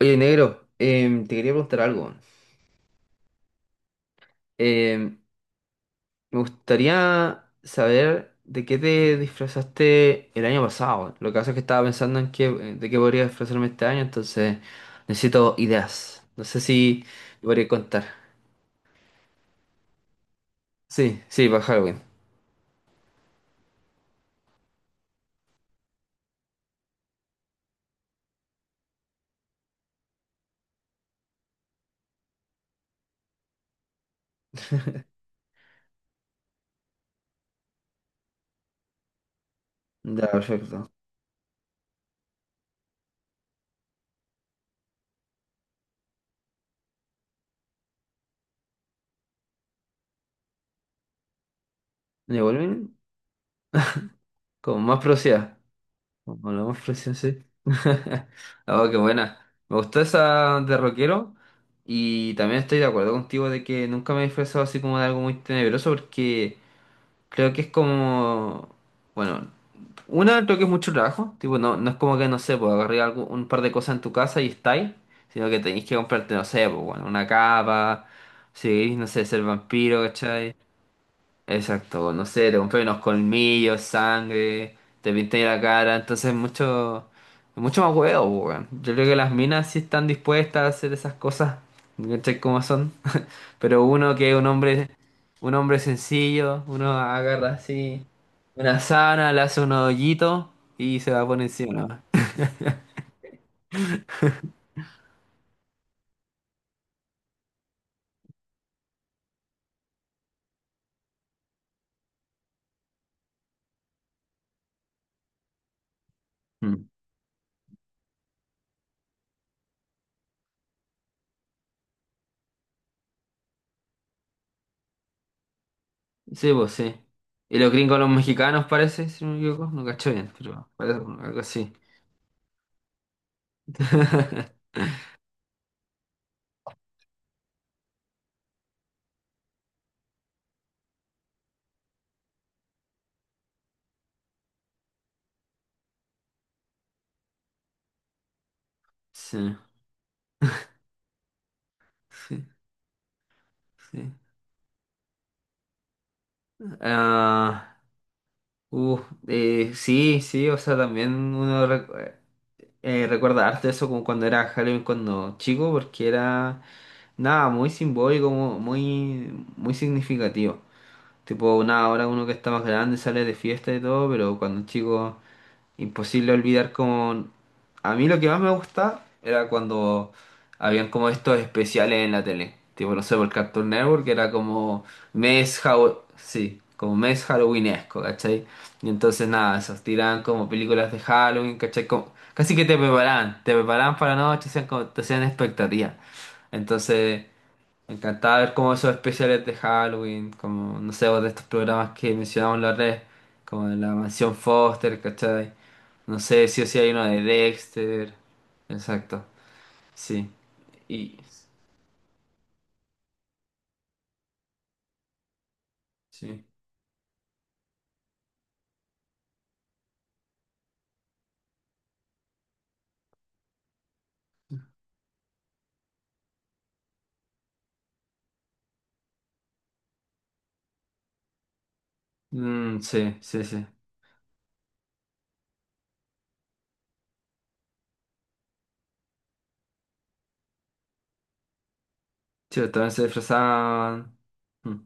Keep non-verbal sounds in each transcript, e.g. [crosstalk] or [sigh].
Oye, negro, te quería preguntar algo. Em, Me gustaría saber de qué te disfrazaste el año pasado. Lo que pasa es que estaba pensando en qué, de qué podría disfrazarme este año, entonces necesito ideas. No sé si me podría contar. Sí, sí, para Halloween. Ya, perfecto. ¿De Halloween con más velocidad. Hablamos recién, sí. [laughs] Oh, qué buena. Me gustó esa de rockero. Y también estoy de acuerdo contigo de que nunca me he disfrazado así como de algo muy tenebroso porque creo que es como... Bueno, una, creo que es mucho trabajo. Tipo, no, no es como que, no sé, pues agarré algo, un par de cosas en tu casa y estáis. Sino que tenéis que comprarte, no sé, pues bueno, una capa. Si queréis, no sé, ser vampiro, ¿cachai? Exacto, pues, no sé, te compré unos colmillos, sangre, te pinté la cara, entonces mucho, mucho más huevo, po, weón. Yo creo que las minas sí están dispuestas a hacer esas cosas, ¿cachai cómo son? [laughs] Pero uno que es un hombre sencillo, uno agarra así una sábana, le hace un hoyito y se va por encima. Mm. Sí, pues sí. Y los gringos, los mexicanos parece, si no me equivoco, no cacho bien, pero parece algo así. [laughs] Sí, sí, sí. Ah, uh, sí, sí, o sea, también recuerda harto eso como cuando era Halloween cuando chico, porque era nada, muy simbólico, muy, muy significativo. Tipo, nada, ahora uno que está más grande sale de fiesta y todo, pero cuando chico imposible olvidar con... A mí lo que más me gustaba era cuando habían como estos especiales en la tele. Tipo, no sé, por Cartoon Network era como mes Halloween... Sí, como mes halloweenesco, ¿cachai? Y entonces nada, esos tiraban como películas de Halloween, ¿cachai? Como... Casi que te preparaban para la noche, hacían como... te hacían expectativas. Entonces... Me encantaba ver como esos especiales de Halloween, como, no sé, o de estos programas que mencionamos la red, como de la Mansión Foster, ¿cachai? No sé, sí o sí hay uno de Dexter. Exacto, sí. Y... Sí. Mm, sí, sí, sí. Sí, también se disfrazaban. Mm.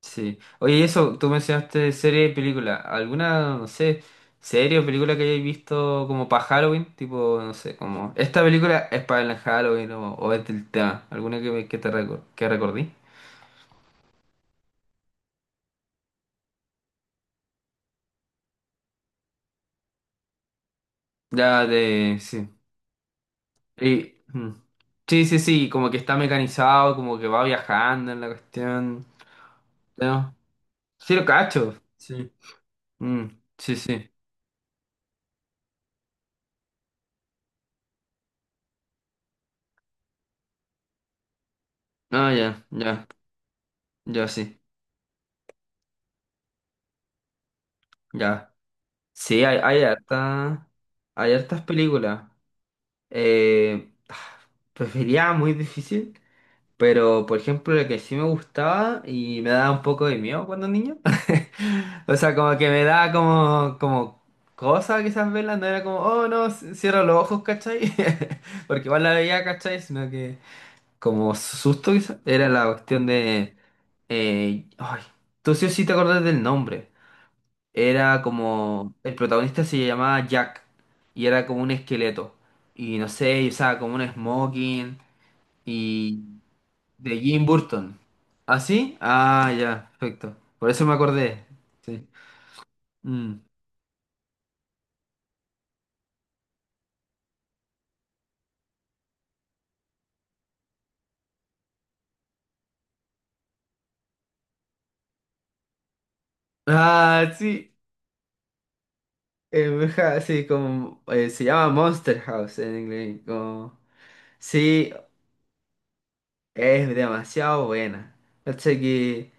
Sí. Oye, y eso, tú mencionaste serie y película. ¿Alguna, no sé, serie o película que hayáis visto como para Halloween? Tipo, no sé, como... Esta película es para el Halloween o es del tema. ¿Alguna que, que que recordí? Ya de... Sí. Y, mm. Sí, sí, sí. Como que está mecanizado, como que va viajando en la cuestión. ¿No? Sí, lo cacho. Sí. Mm, sí, sí. Ah, ya, ya, ya, sí. Ya. Sí, hay hartas películas. Eh, [sighs] prefería muy difícil, pero por ejemplo, lo que sí me gustaba y me daba un poco de miedo cuando niño. [laughs] O sea, como que me daba como, como cosa quizás verla, no era como, oh no, cierro los ojos, ¿cachai? [laughs] Porque igual la veía, ¿cachai? Sino que como susto quizás, era la cuestión de. Ay, tú sí o sí te acordás del nombre. Era como, el protagonista se llamaba Jack y era como un esqueleto. Y no sé, y usaba como un smoking y de Jim Burton. ¿Ah, sí? Ah, ya, perfecto. Por eso me acordé. Sí. Mm. Ah, sí. Bruja, sí, como se llama Monster House en inglés. Como, sí, es demasiado buena. Cacha que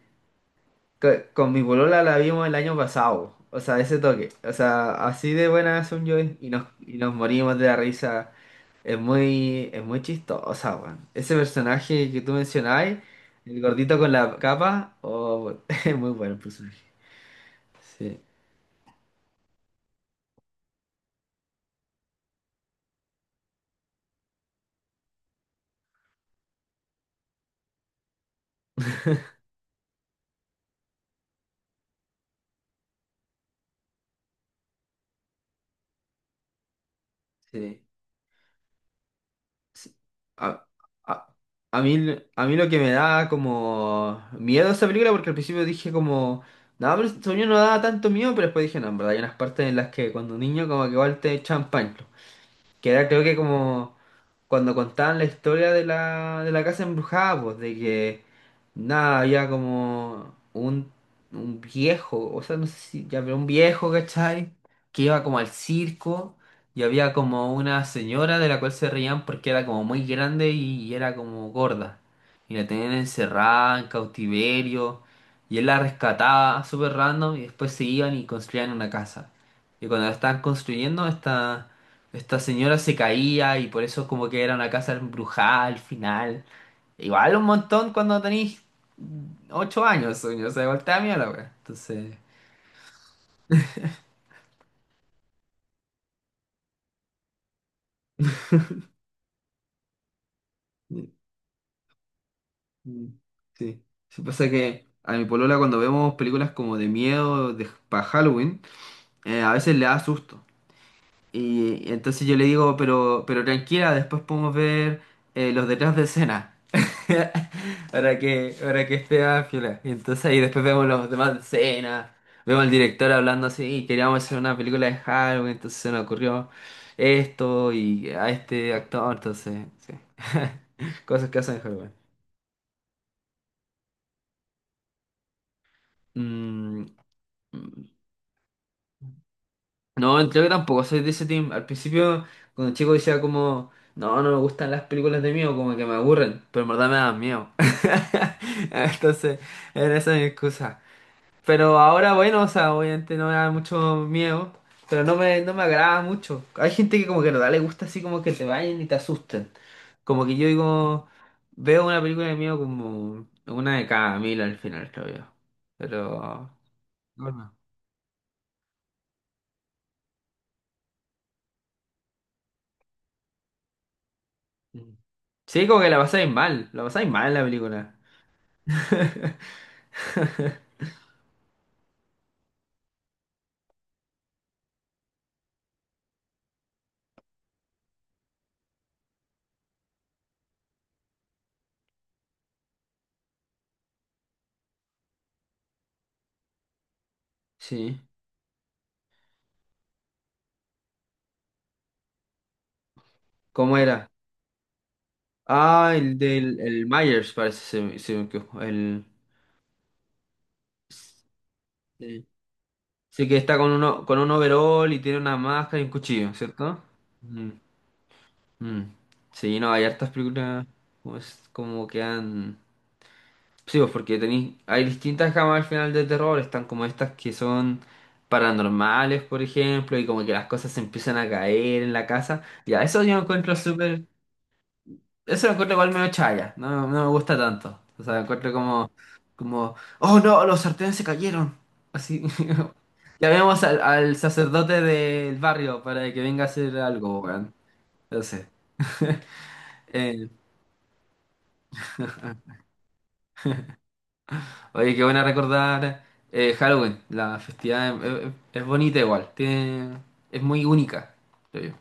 Co- con mi polola la vimos el año pasado, o sea, ese toque, o sea, así de buenas son yo y nos morimos de la risa. Es muy chistosa, weón. Ese personaje que tú mencionabas, el gordito con la capa, oh, [laughs] es muy bueno el personaje. Sí, sí. Sí. A, a, a mí lo que me da como miedo esa película, porque al principio dije como, no, pero según yo no daba tanto miedo, pero después dije, no, en verdad, hay unas partes en las que cuando niño como que igual te echan pan. Que era creo que como cuando contaban la historia de la casa embrujada, pues, de que nada, había como un viejo, o sea, no sé si ya había un viejo, ¿cachai? Que iba como al circo y había como una señora de la cual se reían porque era como muy grande y era como gorda. Y la tenían encerrada en cautiverio y él la rescataba súper random y después se iban y construían una casa. Y cuando la estaban construyendo, esta señora se caía y por eso como que era una casa embrujada al final. Igual un montón cuando tenéis ocho años, sueño. O sea, igual te da miedo la wea. Entonces, mm, mm, sí. Sí, pasa que a mi polola cuando vemos películas como de miedo de, para Halloween, a veces le da susto. Y entonces yo le digo, pero tranquila, después podemos ver los detrás de escena. [laughs] Para que esté más piola. Y entonces ahí después vemos los demás de escena, vemos al director hablando así, queríamos hacer una película de Halloween, entonces se nos ocurrió esto y a este actor, entonces, sí. [laughs] Cosas que hacen en Halloween. Mm. No, creo que tampoco soy de ese team. Al principio, cuando chico decía como, no, no me gustan las películas de miedo, como que me aburren, pero en verdad me dan miedo. [laughs] Entonces, era esa mi excusa. Pero ahora, bueno, o sea, obviamente no me da mucho miedo, pero no me agrada mucho. Hay gente que como que en verdad le gusta así como que te vayan y te asusten. Como que yo digo, veo una película de miedo como una de cada mil al final, creo yo. Pero... Bueno. Sí, como que la pasáis mal en la película. [laughs] Sí, ¿cómo era? Ah, el del el Myers, parece, se me quedó, el... Sí. Sí, que está con, uno, con un overall y tiene una máscara y un cuchillo, ¿cierto? Mm, mm. Sí, no, hay hartas películas como, como que han... Sí, pues porque tenéis... Hay distintas gamas al final de terror, están como estas que son paranormales, por ejemplo, y como que las cosas se empiezan a caer en la casa. Ya, eso yo encuentro súper... Eso lo encuentro igual medio chaya, no, no me gusta tanto. O sea, encuentro como, como, oh no, los sartenes se cayeron. Así. [laughs] Llamemos al sacerdote del barrio para que venga a hacer algo, weón. Entonces, [laughs] eh, oye, qué buena recordar Halloween. La festividad es, es bonita igual, tiene, es muy única, creo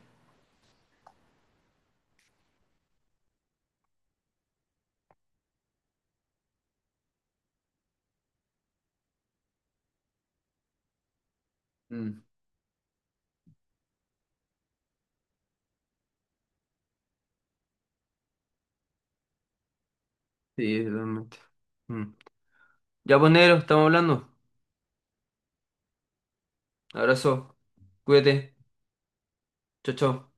yo. Mm, sí, realmente. Mm. Ya, pues, negro, estamos hablando. Abrazo, cuídate, chao, chao.